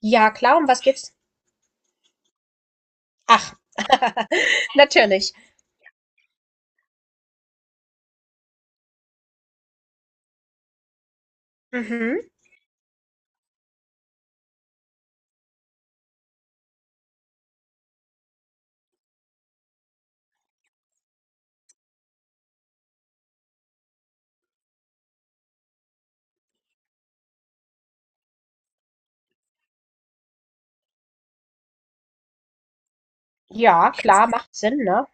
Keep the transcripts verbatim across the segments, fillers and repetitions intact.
Ja, klar, um was geht's? Ach, natürlich. Mhm. Ja, klar, macht Sinn, ne?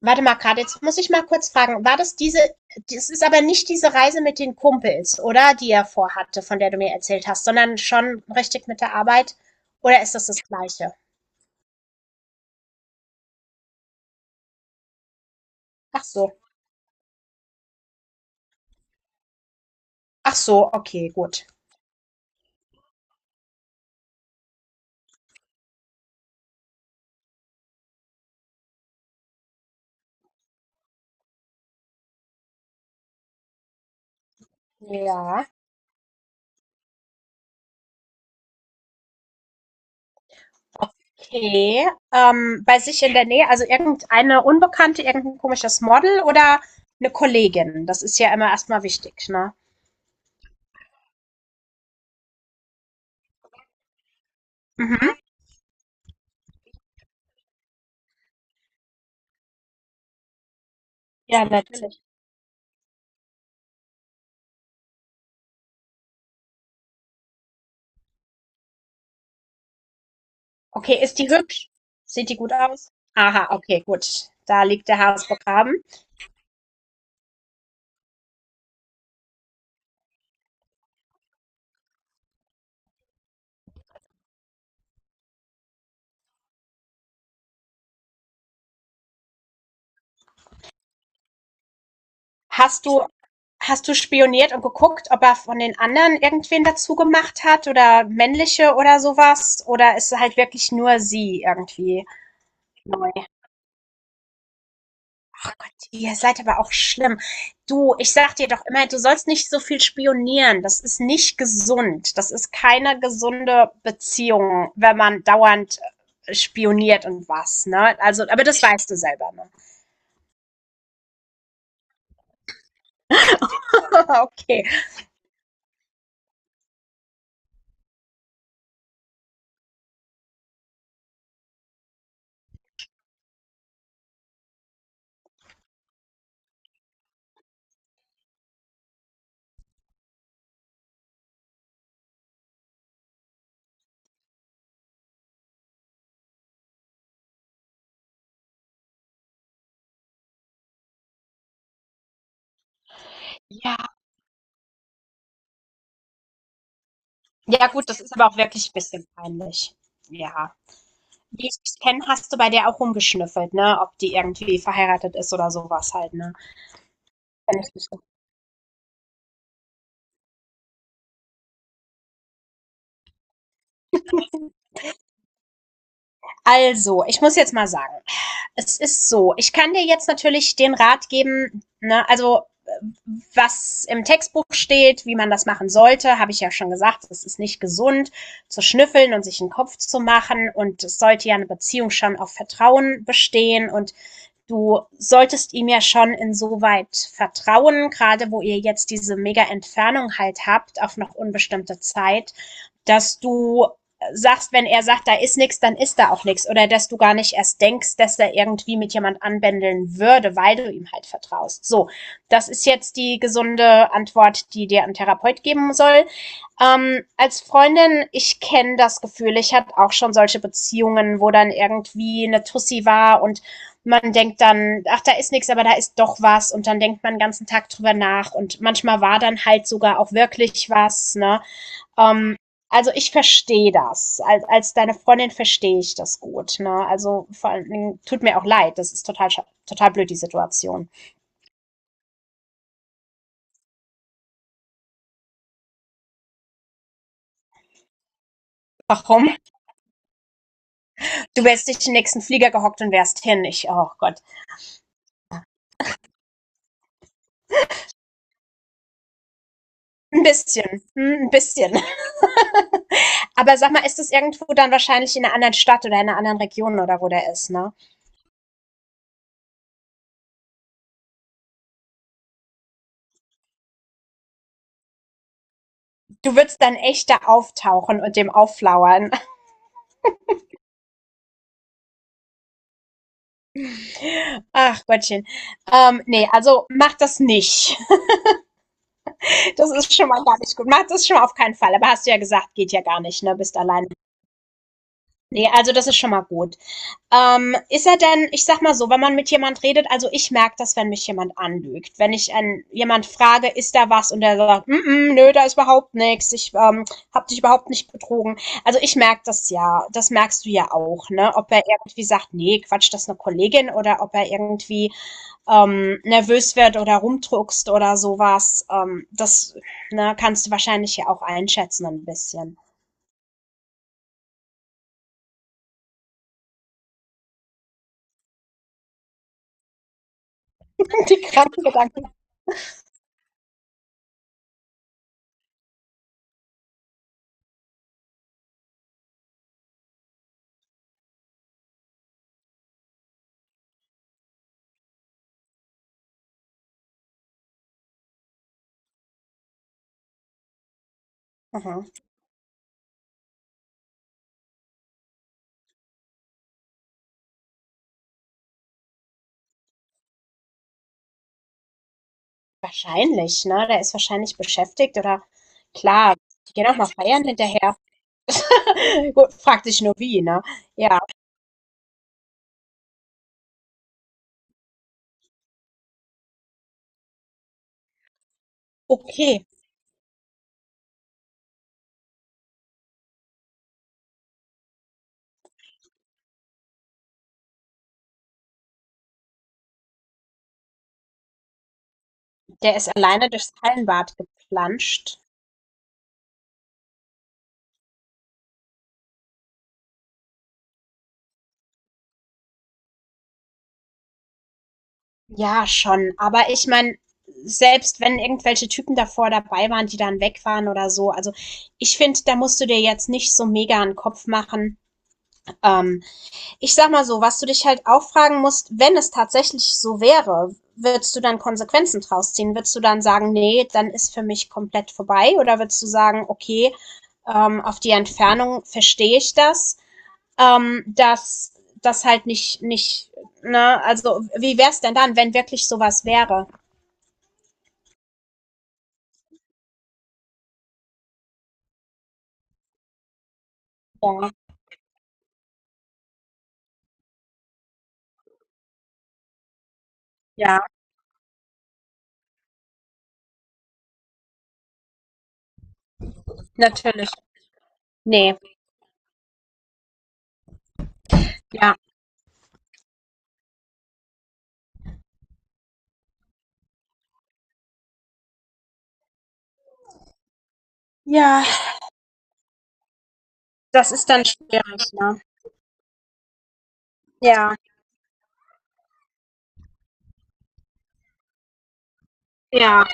Warte mal gerade jetzt muss ich mal kurz fragen, war das diese, das ist aber nicht diese Reise mit den Kumpels, oder? Die er vorhatte, von der du mir erzählt hast, sondern schon richtig mit der Arbeit? Oder ist das das Gleiche? Ach so. Ach so, okay, gut. Ja. Okay. Ähm, bei sich in der Nähe, also irgendeine Unbekannte, irgendein komisches Model oder eine Kollegin? Das ist ja immer erstmal wichtig, ne? Mhm. Ja, natürlich. Okay, ist die hübsch? Sieht die gut aus? Aha, okay, gut. Da liegt der Hase begraben. Hast du, hast du spioniert und geguckt, ob er von den anderen irgendwen dazu gemacht hat oder männliche oder sowas? Oder ist halt wirklich nur sie irgendwie neu? Ach Gott, ihr seid aber auch schlimm. Du, ich sag dir doch immer, du sollst nicht so viel spionieren. Das ist nicht gesund. Das ist keine gesunde Beziehung, wenn man dauernd äh, spioniert und was, ne? Also, aber das weißt du selber, ne? Okay. Ja. Ja, gut, das ist aber auch wirklich ein bisschen peinlich. Ja. Wie ich dich kenne, hast du bei der auch rumgeschnüffelt, ne? Ob die irgendwie verheiratet ist oder sowas halt, ne? Wenn ich mich- Also, ich muss jetzt mal sagen, es ist so. Ich kann dir jetzt natürlich den Rat geben, ne, also äh, was im Textbuch steht, wie man das machen sollte, habe ich ja schon gesagt, es ist nicht gesund zu schnüffeln und sich einen Kopf zu machen, und es sollte ja eine Beziehung schon auf Vertrauen bestehen, und du solltest ihm ja schon insoweit vertrauen, gerade wo ihr jetzt diese mega Entfernung halt habt, auf noch unbestimmte Zeit, dass du sagst, wenn er sagt, da ist nichts, dann ist da auch nichts. Oder dass du gar nicht erst denkst, dass er irgendwie mit jemand anbändeln würde, weil du ihm halt vertraust. So, das ist jetzt die gesunde Antwort, die dir ein Therapeut geben soll. Ähm, als Freundin, ich kenne das Gefühl, ich hatte auch schon solche Beziehungen, wo dann irgendwie eine Tussi war und man denkt dann, ach, da ist nichts, aber da ist doch was, und dann denkt man den ganzen Tag drüber nach und manchmal war dann halt sogar auch wirklich was, ne? Ähm, also ich verstehe das. Als, als deine Freundin verstehe ich das gut, ne? Also vor allen, tut mir auch leid, das ist total, total blöd, die Situation. Warum? Du wärst dich im nächsten Flieger gehockt und wärst hin. Ich, oh Gott. Ein bisschen. Hm, ein bisschen. Aber sag mal, ist das irgendwo dann wahrscheinlich in einer anderen Stadt oder in einer anderen Region oder wo der ist, ne? Du würdest dann echt da auftauchen und dem aufflauern. Ach Gottchen. Ähm, nee, also mach das nicht. Das ist schon mal gar nicht gut. Mach das schon mal auf keinen Fall. Aber hast du ja gesagt, geht ja gar nicht, ne? Bist alleine. Nee, also das ist schon mal gut. Ähm, ist er denn, ich sag mal so, wenn man mit jemand redet, also ich merke das, wenn mich jemand anlügt. Wenn ich einen, jemand frage, ist da was und der sagt, mm -mm, nö, da ist überhaupt nichts, ich ähm, hab dich überhaupt nicht betrogen. Also ich merke das ja, das merkst du ja auch, ne? Ob er irgendwie sagt, nee, Quatsch, das ist eine Kollegin, oder ob er irgendwie ähm, nervös wird oder rumdruckst oder sowas. Ähm, das ne, kannst du wahrscheinlich ja auch einschätzen ein bisschen. Die kranken Gedanken. Mhm. Wahrscheinlich, ne? Der ist wahrscheinlich beschäftigt oder klar, die gehen auch mal feiern hinterher. Gut, fragt sich nur wie, ne? Ja, okay. Der ist alleine durchs Hallenbad geplanscht. Ja, schon. Aber ich meine, selbst wenn irgendwelche Typen davor dabei waren, die dann weg waren oder so, also ich finde, da musst du dir jetzt nicht so mega einen Kopf machen. Ähm, Ich sag mal so, was du dich halt auch fragen musst, wenn es tatsächlich so wäre, würdest du dann Konsequenzen draus ziehen? Würdest du dann sagen, nee, dann ist für mich komplett vorbei? Oder würdest du sagen, okay, ähm, auf die Entfernung verstehe ich das, ähm, dass das halt nicht, nicht, ne, also wie wär's denn dann, wenn wirklich sowas wäre? Ja, ja natürlich. Nee, ja. Ja, das ist dann schwierig, ne? Ja. Ja,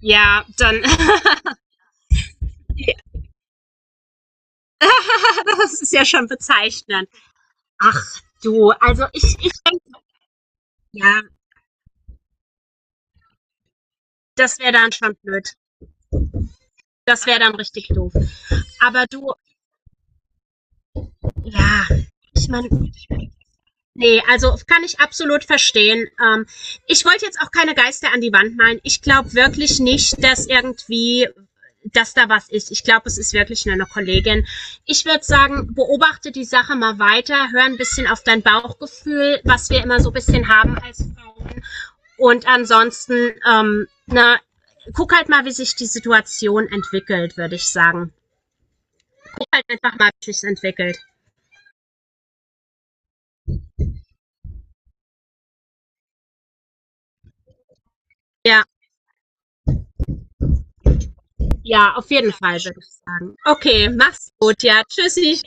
ja, dann, ja, das ist ja schon bezeichnend. Ach du, also ich, ich denke, ja, das wäre dann schon blöd. Das wäre dann richtig doof. Aber du, ja, ich meine, nee, also kann ich absolut verstehen. Ähm, ich wollte jetzt auch keine Geister an die Wand malen. Ich glaube wirklich nicht, dass irgendwie, dass da was ist. Ich glaube, es ist wirklich nur eine Kollegin. Ich würde sagen, beobachte die Sache mal weiter, hör ein bisschen auf dein Bauchgefühl, was wir immer so ein bisschen haben als Frauen. Und ansonsten, ähm, na, guck halt mal, wie sich die Situation entwickelt, würde ich sagen. Guck halt einfach mal, wie sich's entwickelt. Ja, ja, auf jeden Fall, würde ich sagen. Okay, mach's gut, ja. Tschüssi.